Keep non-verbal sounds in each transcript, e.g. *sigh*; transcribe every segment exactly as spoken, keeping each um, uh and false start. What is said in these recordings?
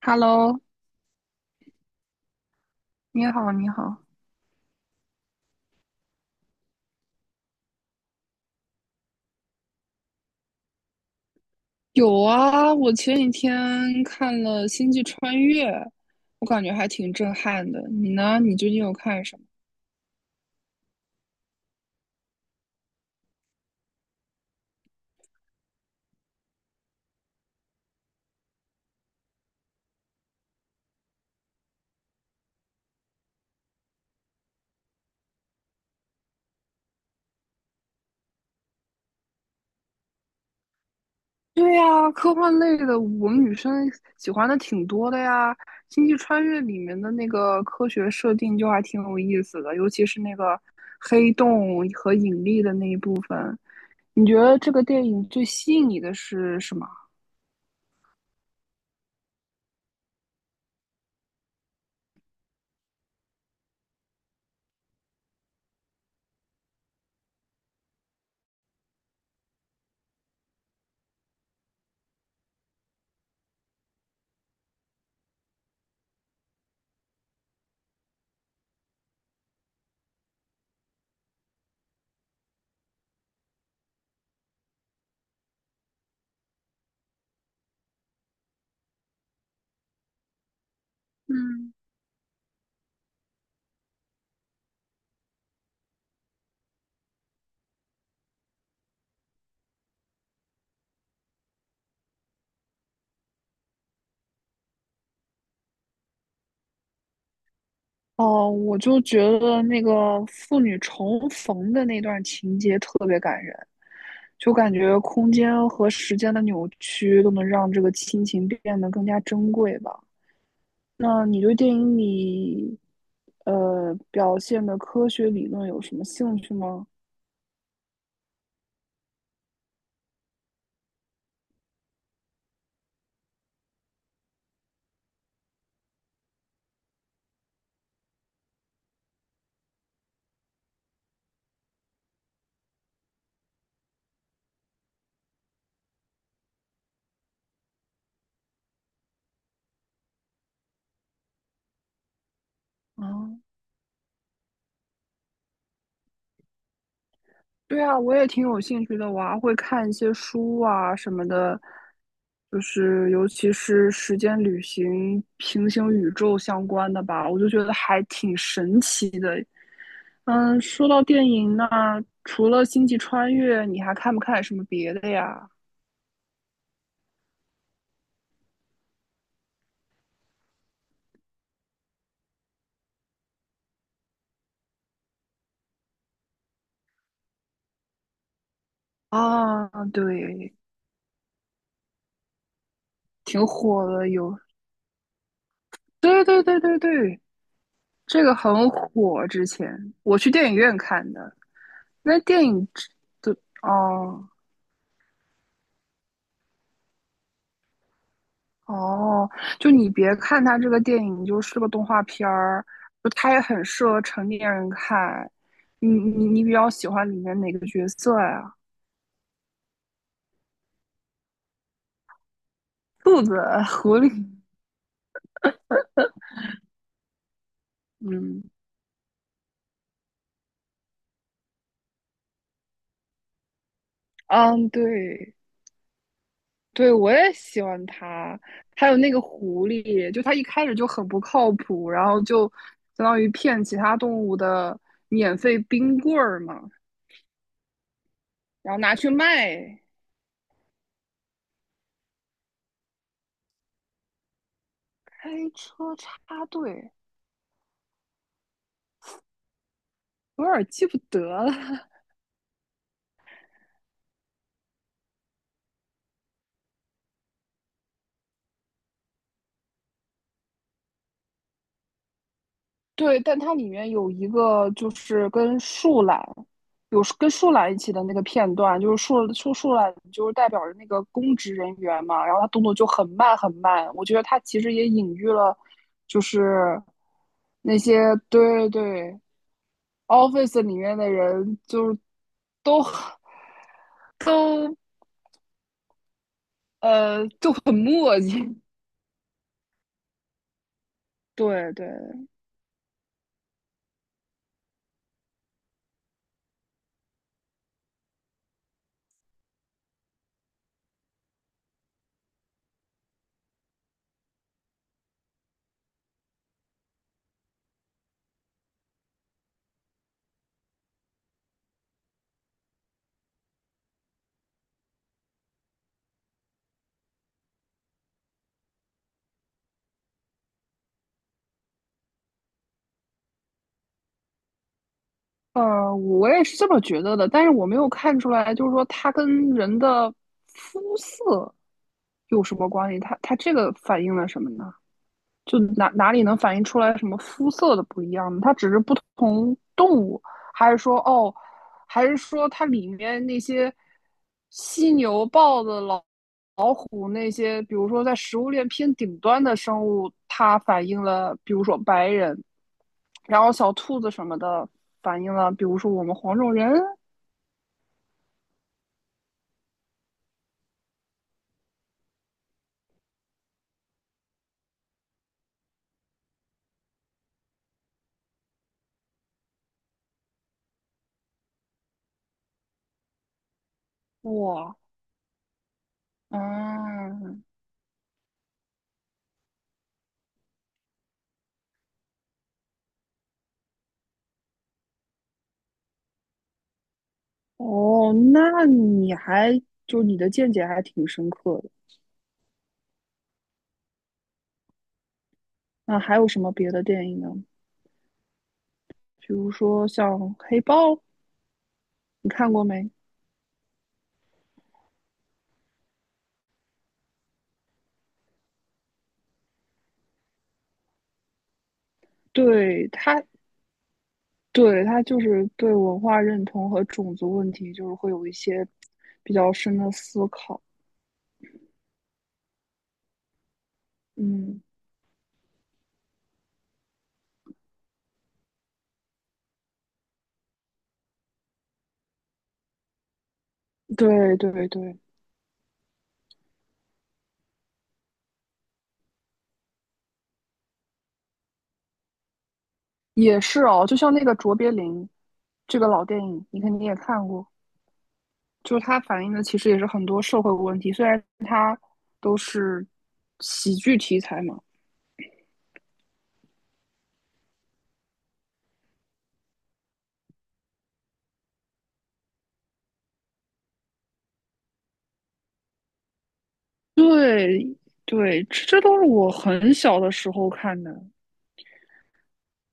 Hello，你好，你好。有啊，我前几天看了《星际穿越》，我感觉还挺震撼的。你呢？你最近有看什么？对呀，科幻类的我们女生喜欢的挺多的呀。《星际穿越》里面的那个科学设定就还挺有意思的，尤其是那个黑洞和引力的那一部分。你觉得这个电影最吸引你的是什么？嗯。哦，我就觉得那个父女重逢的那段情节特别感人，就感觉空间和时间的扭曲都能让这个亲情变得更加珍贵吧。那你对电影里，呃，表现的科学理论有什么兴趣吗？啊，对啊，我也挺有兴趣的，我还会看一些书啊什么的，就是尤其是时间旅行、平行宇宙相关的吧，我就觉得还挺神奇的。嗯，说到电影呢，除了《星际穿越》，你还看不看什么别的呀？啊，对，挺火的，有，对对对对对，这个很火，之前我去电影院看的，那电影的，哦。哦，就你别看它这个电影就是个动画片儿，就它也很适合成年人看。你你你比较喜欢里面哪个角色呀？兔子、狐狸，嗯嗯，对对，我也喜欢它。还有那个狐狸，就它一开始就很不靠谱，然后就相当于骗其他动物的免费冰棍儿嘛，然后拿去卖。开车插队，有点记不得了。对，但它里面有一个就是跟树懒，有跟树懒一起的那个片段，就是树树树懒就是代表着那个公职人员嘛，然后他动作就很慢很慢，我觉得他其实也隐喻了，就是那些对对 office 里面的人就是都 *laughs* 都呃就很磨叽，*laughs* 对对，呃，我也是这么觉得的，但是我没有看出来，就是说它跟人的肤色有什么关系，它它这个反映了什么呢？就哪哪里能反映出来什么肤色的不一样呢？它只是不同动物，还是说哦，还是说它里面那些犀牛、豹子、老老虎那些，比如说在食物链偏顶端的生物，它反映了，比如说白人，然后小兔子什么的反映了，比如说我们黄种人。哇，嗯，哦，那你还就你的见解还挺深刻的。那还有什么别的电影呢？比如说像黑豹，你看过没？对他，对他就是对文化认同和种族问题，就是会有一些比较深的思考。嗯，对对对，也是哦。就像那个卓别林这个老电影，你肯定也看过，就是它反映的其实也是很多社会问题，虽然都是喜剧题材嘛。对对，这这都是我很小的时候看的。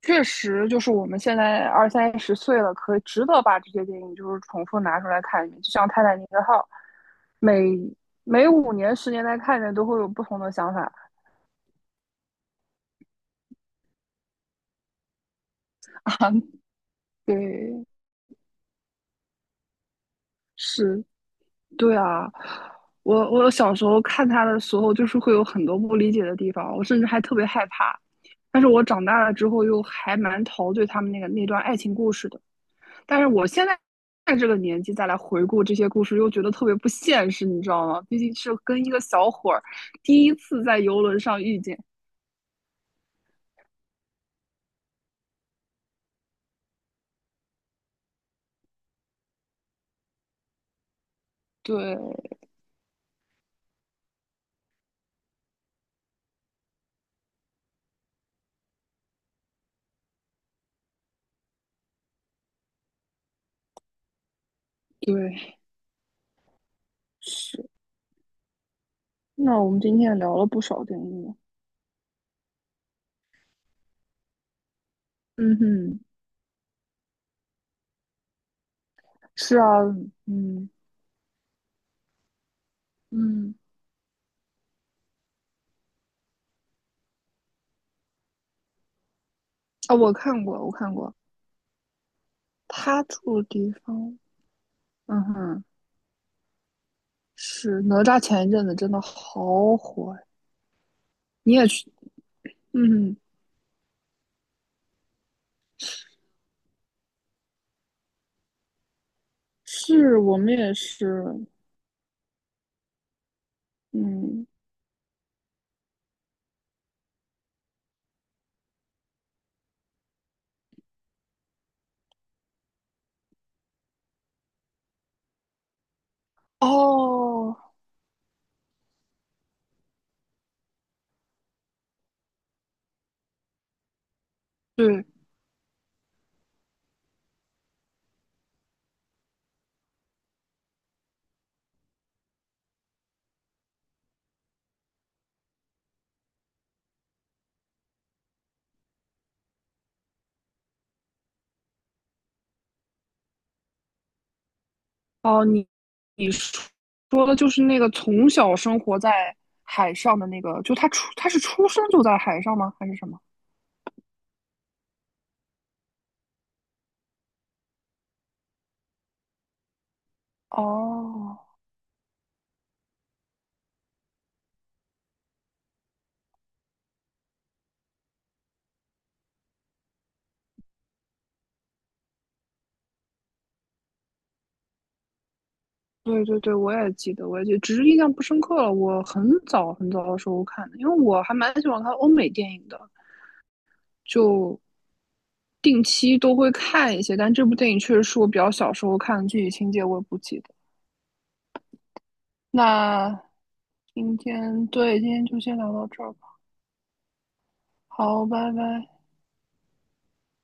确实，就是我们现在二三十岁了，可以值得把这些电影就是重复拿出来看一遍。就像《泰坦尼克号》，每每五年、十年再看一遍，都会有不同的想法。*laughs* 对，是，对啊。我我小时候看他的时候，就是会有很多不理解的地方，我甚至还特别害怕。但是我长大了之后，又还蛮陶醉他们那个那段爱情故事的。但是我现在在这个年纪再来回顾这些故事，又觉得特别不现实，你知道吗？毕竟是跟一个小伙儿第一次在游轮上遇见。对对是。那我们今天也聊了不少电影。嗯哼，是啊，嗯嗯啊，哦我看过，我看过。他住的地方，嗯哼，是哪吒前一阵子真的好火你也去，嗯哼，是我们也是，嗯，哦，对，哦，你你说说的就是那个从小生活在海上的那个，就他出他是出生就在海上吗？还是什么？哦，对对对，我也记得，我也记得，只是印象不深刻了。我很早很早的时候看的，因为我还蛮喜欢看欧美电影的，就定期都会看一些。但这部电影确实是我比较小时候看的，具体情节我也不记得。那今天对，今天就先聊到这儿吧。好，拜拜。